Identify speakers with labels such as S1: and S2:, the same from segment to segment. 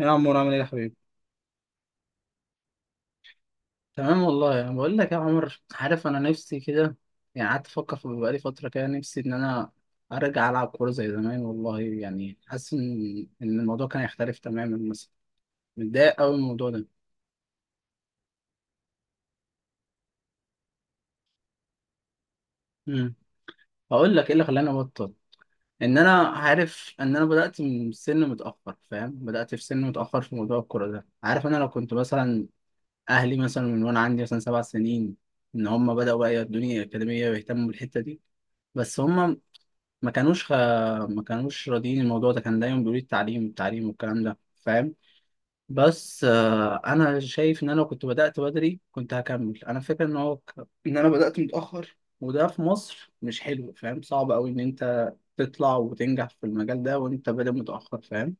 S1: يا عمور، عامل ايه يا حبيبي؟ تمام والله. انا بقول لك يا عمر، عارف، انا نفسي كده يعني. قعدت افكر في بقالي فتره كده، نفسي ان انا ارجع العب كوره زي زمان والله. يعني حاسس إن الموضوع كان هيختلف تماما مثلا. متضايق قوي من الموضوع ده. امم هقول لك ايه اللي خلاني ابطل. ان انا عارف ان انا بدات من سن متاخر. فاهم، بدات في سن متاخر في موضوع الكوره ده. عارف، انا لو كنت مثلا اهلي مثلا من وانا عندي مثلا 7 سنين، ان هم بداوا بقى يودوني اكاديميه ويهتموا بالحته دي. بس هم ما كانوش خ... ما كانوش راضيين. الموضوع ده كان دايما بيقولوا لي التعليم التعليم والكلام ده. فاهم. بس انا شايف ان انا لو كنت بدأت بدري كنت هكمل. انا فاكر ان انا بدأت متأخر، وده في مصر مش حلو. فاهم، صعب قوي ان انت تطلع وتنجح في المجال ده وانت بادئ متأخر. فاهم.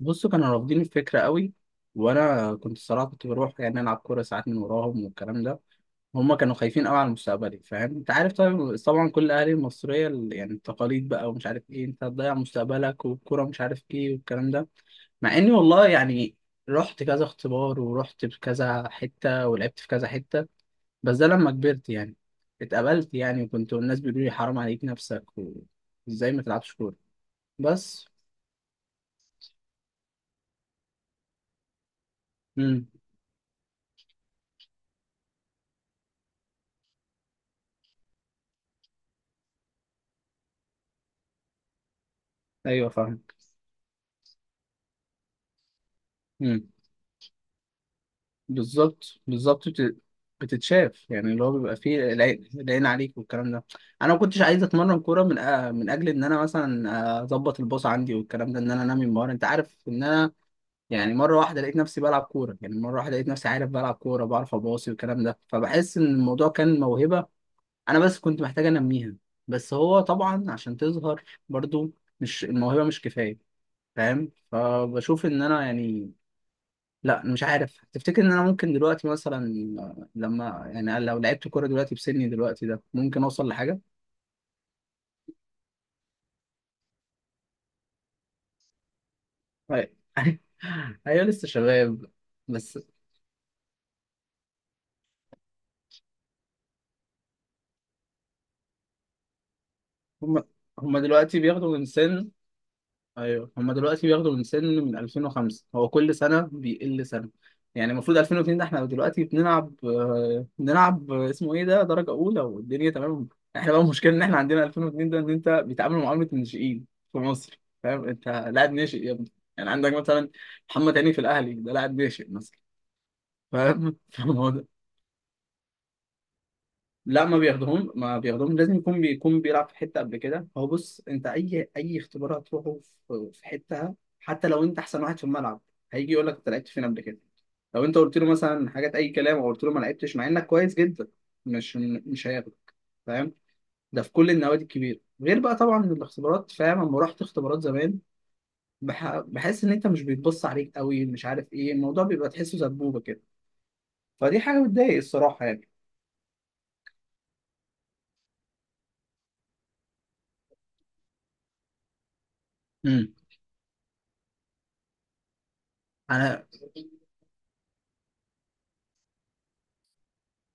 S1: بصوا، كانوا رافضين الفكرة قوي. وانا كنت الصراحة كنت بروح يعني العب كورة ساعات من وراهم والكلام ده. هما كانوا خايفين قوي على مستقبلي. فاهم، انت عارف طبعا طبعا كل اهالي المصريه يعني التقاليد بقى ومش عارف ايه، انت هتضيع مستقبلك والكوره مش عارف ايه والكلام ده. مع اني والله يعني رحت كذا اختبار ورحت في كذا حته ولعبت في كذا حته. بس ده لما كبرت يعني اتقبلت يعني. وكنت الناس بيقولوا لي حرام عليك نفسك، وازاي ما تلعبش كوره. بس. امم ايوه، فاهم. بالظبط بالظبط، بتتشاف يعني. اللي هو بيبقى فيه العين العين عليك والكلام ده. انا ما كنتش عايز اتمرن كوره من اجل ان انا مثلا اظبط الباص عندي والكلام ده، ان انا انمي مهاره. انت عارف ان انا يعني مره واحده لقيت نفسي بلعب كوره. يعني مره واحده لقيت نفسي عارف بلعب كوره، بعرف اباصي والكلام ده. فبحس ان الموضوع كان موهبه، انا بس كنت محتاج انميها. بس هو طبعا عشان تظهر برضو مش الموهبه مش كفايه. فاهم، فبشوف ان انا يعني، لا أنا مش عارف. تفتكر ان انا ممكن دلوقتي مثلا لما يعني، لو لعبت كوره دلوقتي بسني دلوقتي ده، ممكن اوصل لحاجه؟ أي- ايوه، لسه شباب. بس هم هم دلوقتي بياخدوا من سن. ايوه، هما دلوقتي بياخدوا من سن، من 2005. هو كل سنه بيقل سنه. يعني المفروض 2002 ده احنا دلوقتي بنلعب، بنلعب، اسمه ايه ده، درجه اولى، والدنيا تمام. احنا بقى المشكله ان احنا عندنا 2002 ده ان انت بيتعاملوا معامله الناشئين في مصر. فاهم، انت لاعب ناشئ يا ابني. يعني عندك مثلا محمد هاني في الاهلي ده لاعب ناشئ مثلا. فاهم. لا، ما بياخدهم ما بياخدهم. لازم يكون بيلعب في حته قبل كده. هو بص، انت اي اختبار هتروحه في حتة، حتى لو انت احسن واحد في الملعب، هيجي يقول لك انت لعبت فين قبل كده؟ لو انت قلت له مثلا حاجات اي كلام او قلت له ما لعبتش، مع انك كويس جدا، مش مش هياخدك. فاهم. ده في كل النوادي الكبيره غير بقى طبعا الاختبارات. فاهم، لما رحت اختبارات زمان، بحس ان انت مش بيتبص عليك قوي. مش عارف ايه، الموضوع بيبقى تحسه سبوبه كده. فدي حاجه بتضايق الصراحه يعني. امم انا،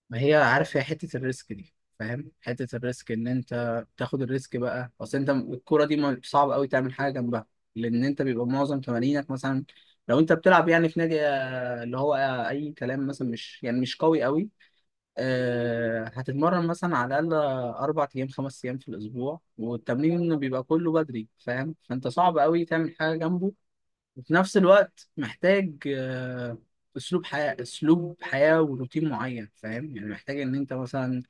S1: ما، هي عارف، هي حتة الريسك دي. فاهم، حتة الريسك ان انت تاخد الريسك بقى. اصل انت الكورة دي صعب قوي تعمل حاجة جنبها، لان انت بيبقى معظم تمارينك مثلا، لو انت بتلعب يعني في نادي، اللي هو، اي كلام مثلا، مش يعني مش قوي قوي. هتتمرن مثلا على الاقل 4 ايام 5 ايام في الاسبوع، والتمرين بيبقى كله بدري. فاهم، فانت صعب قوي تعمل حاجة جنبه. وفي نفس الوقت محتاج اسلوب حياة وروتين معين. فاهم، يعني محتاج ان انت مثلا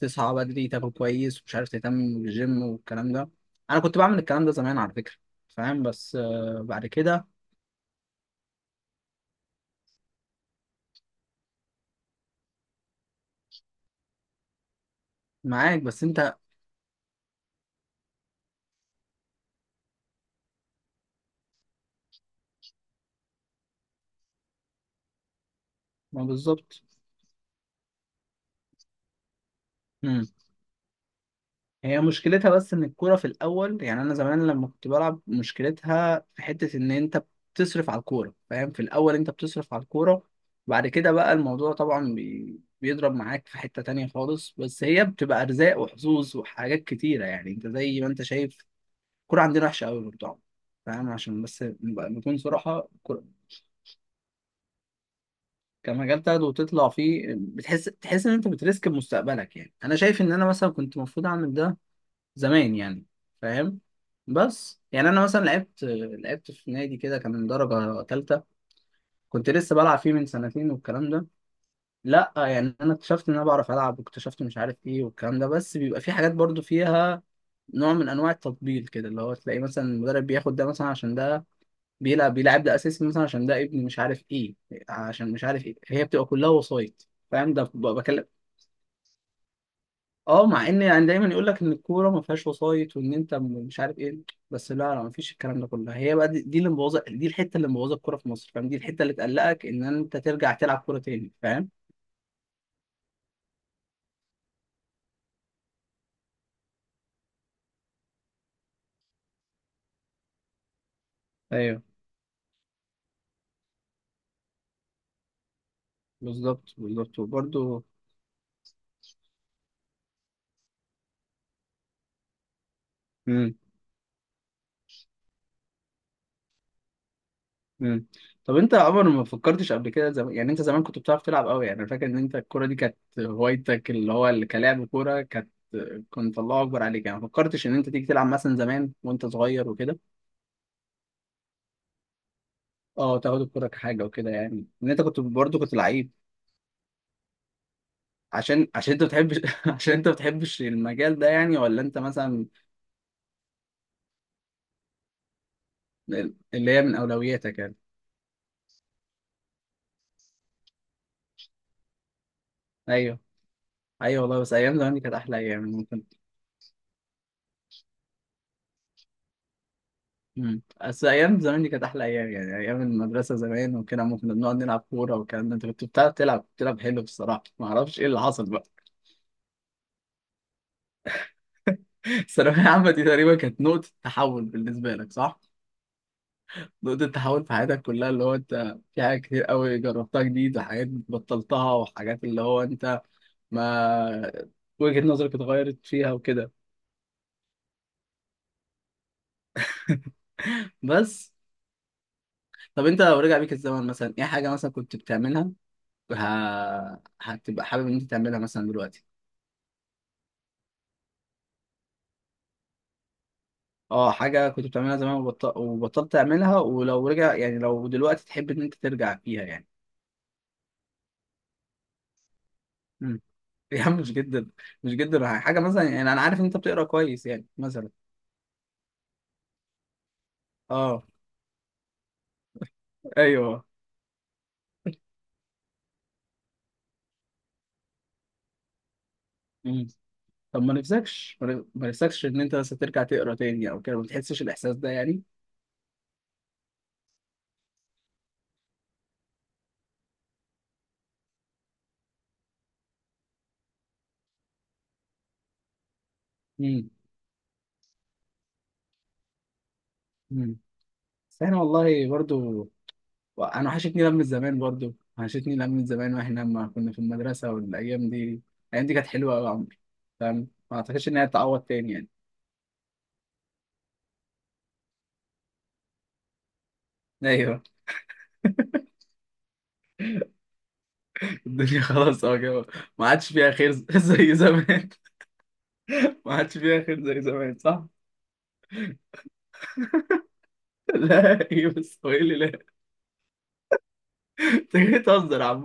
S1: تصحى بدري، تاكل كويس، ومش عارف تهتم بالجيم والكلام ده. انا كنت بعمل الكلام ده زمان على فكرة. فاهم. بس بعد كده معاك. بس انت، ما، بالظبط. هي مشكلتها بس ان الكوره في الاول يعني، انا زمان لما كنت بلعب، مشكلتها في حته ان انت بتصرف على الكوره. فاهم، في الاول انت بتصرف على الكوره. بعد كده بقى الموضوع طبعا بيضرب معاك في حته تانية خالص. بس هي بتبقى ارزاق وحظوظ وحاجات كتيره. يعني انت زي ما انت شايف، الكوره عندنا وحشه قوي برضه. فاهم، عشان بس نكون صراحه، الكورة كمجال تاخده وتطلع فيه، بتحس ان انت بتريسك بمستقبلك. يعني انا شايف ان انا مثلا كنت المفروض اعمل ده زمان يعني. فاهم. بس يعني انا مثلا لعبت في نادي كده كان من درجه ثالثه. كنت لسه بلعب فيه من سنتين والكلام ده. لا يعني انا اكتشفت ان انا بعرف العب، واكتشفت مش عارف ايه والكلام ده. بس بيبقى في حاجات برضو فيها نوع من انواع التطبيل كده، اللي هو تلاقي مثلا المدرب بياخد ده مثلا عشان ده بيلعب. ده اساسي مثلا عشان ده ابن مش عارف ايه، عشان مش عارف ايه. هي بتبقى كلها وسايط. فاهم، ده بكلم. اه، مع ان يعني دايما يقول لك ان الكوره ما فيهاش وسايط، وان انت مش عارف ايه. بس لا لا، ما فيش الكلام ده كله. هي بقى دي اللي مبوظه. دي الحته اللي مبوظه الكوره في مصر. فاهم، دي الحته اللي تقلقك ان انت ترجع تلعب كوره تاني. فاهم. ايوه، بالظبط بالظبط وبرده. امم امم طب انت يا عمر ما فكرتش قبل كده، يعني انت زمان كنت بتعرف تلعب قوي. يعني انا فاكر ان انت الكوره دي كانت هوايتك، اللي هو اللي كلاعب كوره كانت، كنت الله اكبر عليك يعني. ما فكرتش ان انت تيجي تلعب مثلا زمان وانت صغير وكده؟ اه، تاخد الكوره كحاجه وكده يعني، ان انت كنت برضه كنت لعيب. عشان انت بتحبش؟ عشان انت بتحبش المجال ده، يعني، ولا انت مثلا اللي هي من اولوياتك يعني؟ ايوه ايوه، والله. بس ايام زمان دي كانت احلى ايام يعني، ممكن. بس ايام زمان دي كانت احلى ايام يعني. ايام المدرسه زمان وكده، ممكن بنقعد نلعب كوره والكلام ده. انت كنت بتعرف تلعب، بتلعب حلو بصراحه. ما اعرفش ايه اللي حصل بقى. الثانويه العامه دي تقريبا كانت نقطه تحول بالنسبه لك، صح؟ نقطة تحول في حياتك كلها، اللي هو انت في حاجات كتير قوي جربتها جديد، وحاجات بطلتها، وحاجات اللي هو انت ما وجهة نظرك اتغيرت فيها وكده. بس. طب انت لو رجع بيك الزمن مثلا، ايه حاجة مثلا كنت بتعملها ه... هتبقى حابب ان انت تعملها مثلا دلوقتي؟ اه، حاجة كنت بتعملها زمان وبطلت تعملها، ولو رجع يعني، لو دلوقتي تحب ان انت ترجع فيها يعني؟ امم يا عم، مش جدا. مش جدا حاجة مثلا يعني، انا عارف ان انت بتقرا كويس يعني مثلا. اه، ايوه. طب ما نفسكش ان انت بس ترجع تقرا تاني او كده؟ ما بتحسش الاحساس ده يعني؟ امم امم بس احنا والله برضو. انا وحشتني لم زمان. برضو وحشتني لم زمان، واحنا لما كنا في المدرسه والايام دي. الايام دي كانت حلوه قوي يا عمرو. فاهم، ما اعتقدش انها تتعوض تاني يعني. ايوه، الدنيا خلاص، اه كده. ما عادش فيها خير زي زمان. ما عادش فيها خير زي زمان، صح؟ لا ايه، بس هو ايه اللي، لا. انت جاي تهزر يا عم؟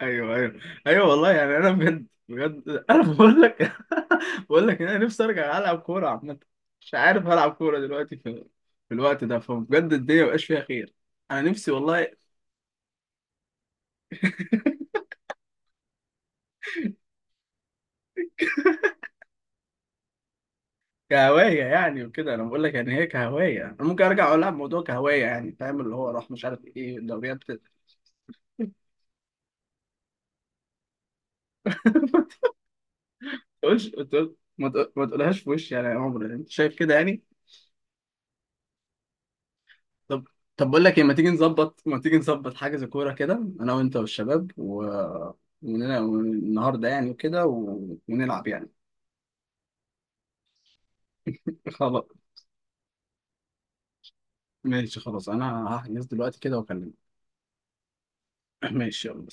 S1: ايوه ايوه ايوه، والله يعني. انا بجد بجد، انا بقول لك، بقول لك إن انا نفسي ارجع العب كوره عامه. مش عارف، العب كوره دلوقتي في الوقت ده؟ فبجد الدنيا مبقاش فيها خير. انا نفسي والله. كهوايه يعني وكده، انا بقول لك يعني هي كهوايه. انا ممكن ارجع العب موضوع كهوايه يعني. فاهم، اللي هو راح مش عارف ايه الدوريات ما تقولش ما تقول- ما تقولهاش في وشي يعني. يا عمر، انت شايف كده يعني؟ طب طب، بقول لك ايه، ما تيجي نظبط حاجة زي كورة كده؟ انا وانت والشباب ونلعب النهارده يعني وكده، ونلعب يعني. خلاص، ماشي. خلاص، انا هحجز دلوقتي كده واكلمك. ماشي، يلا.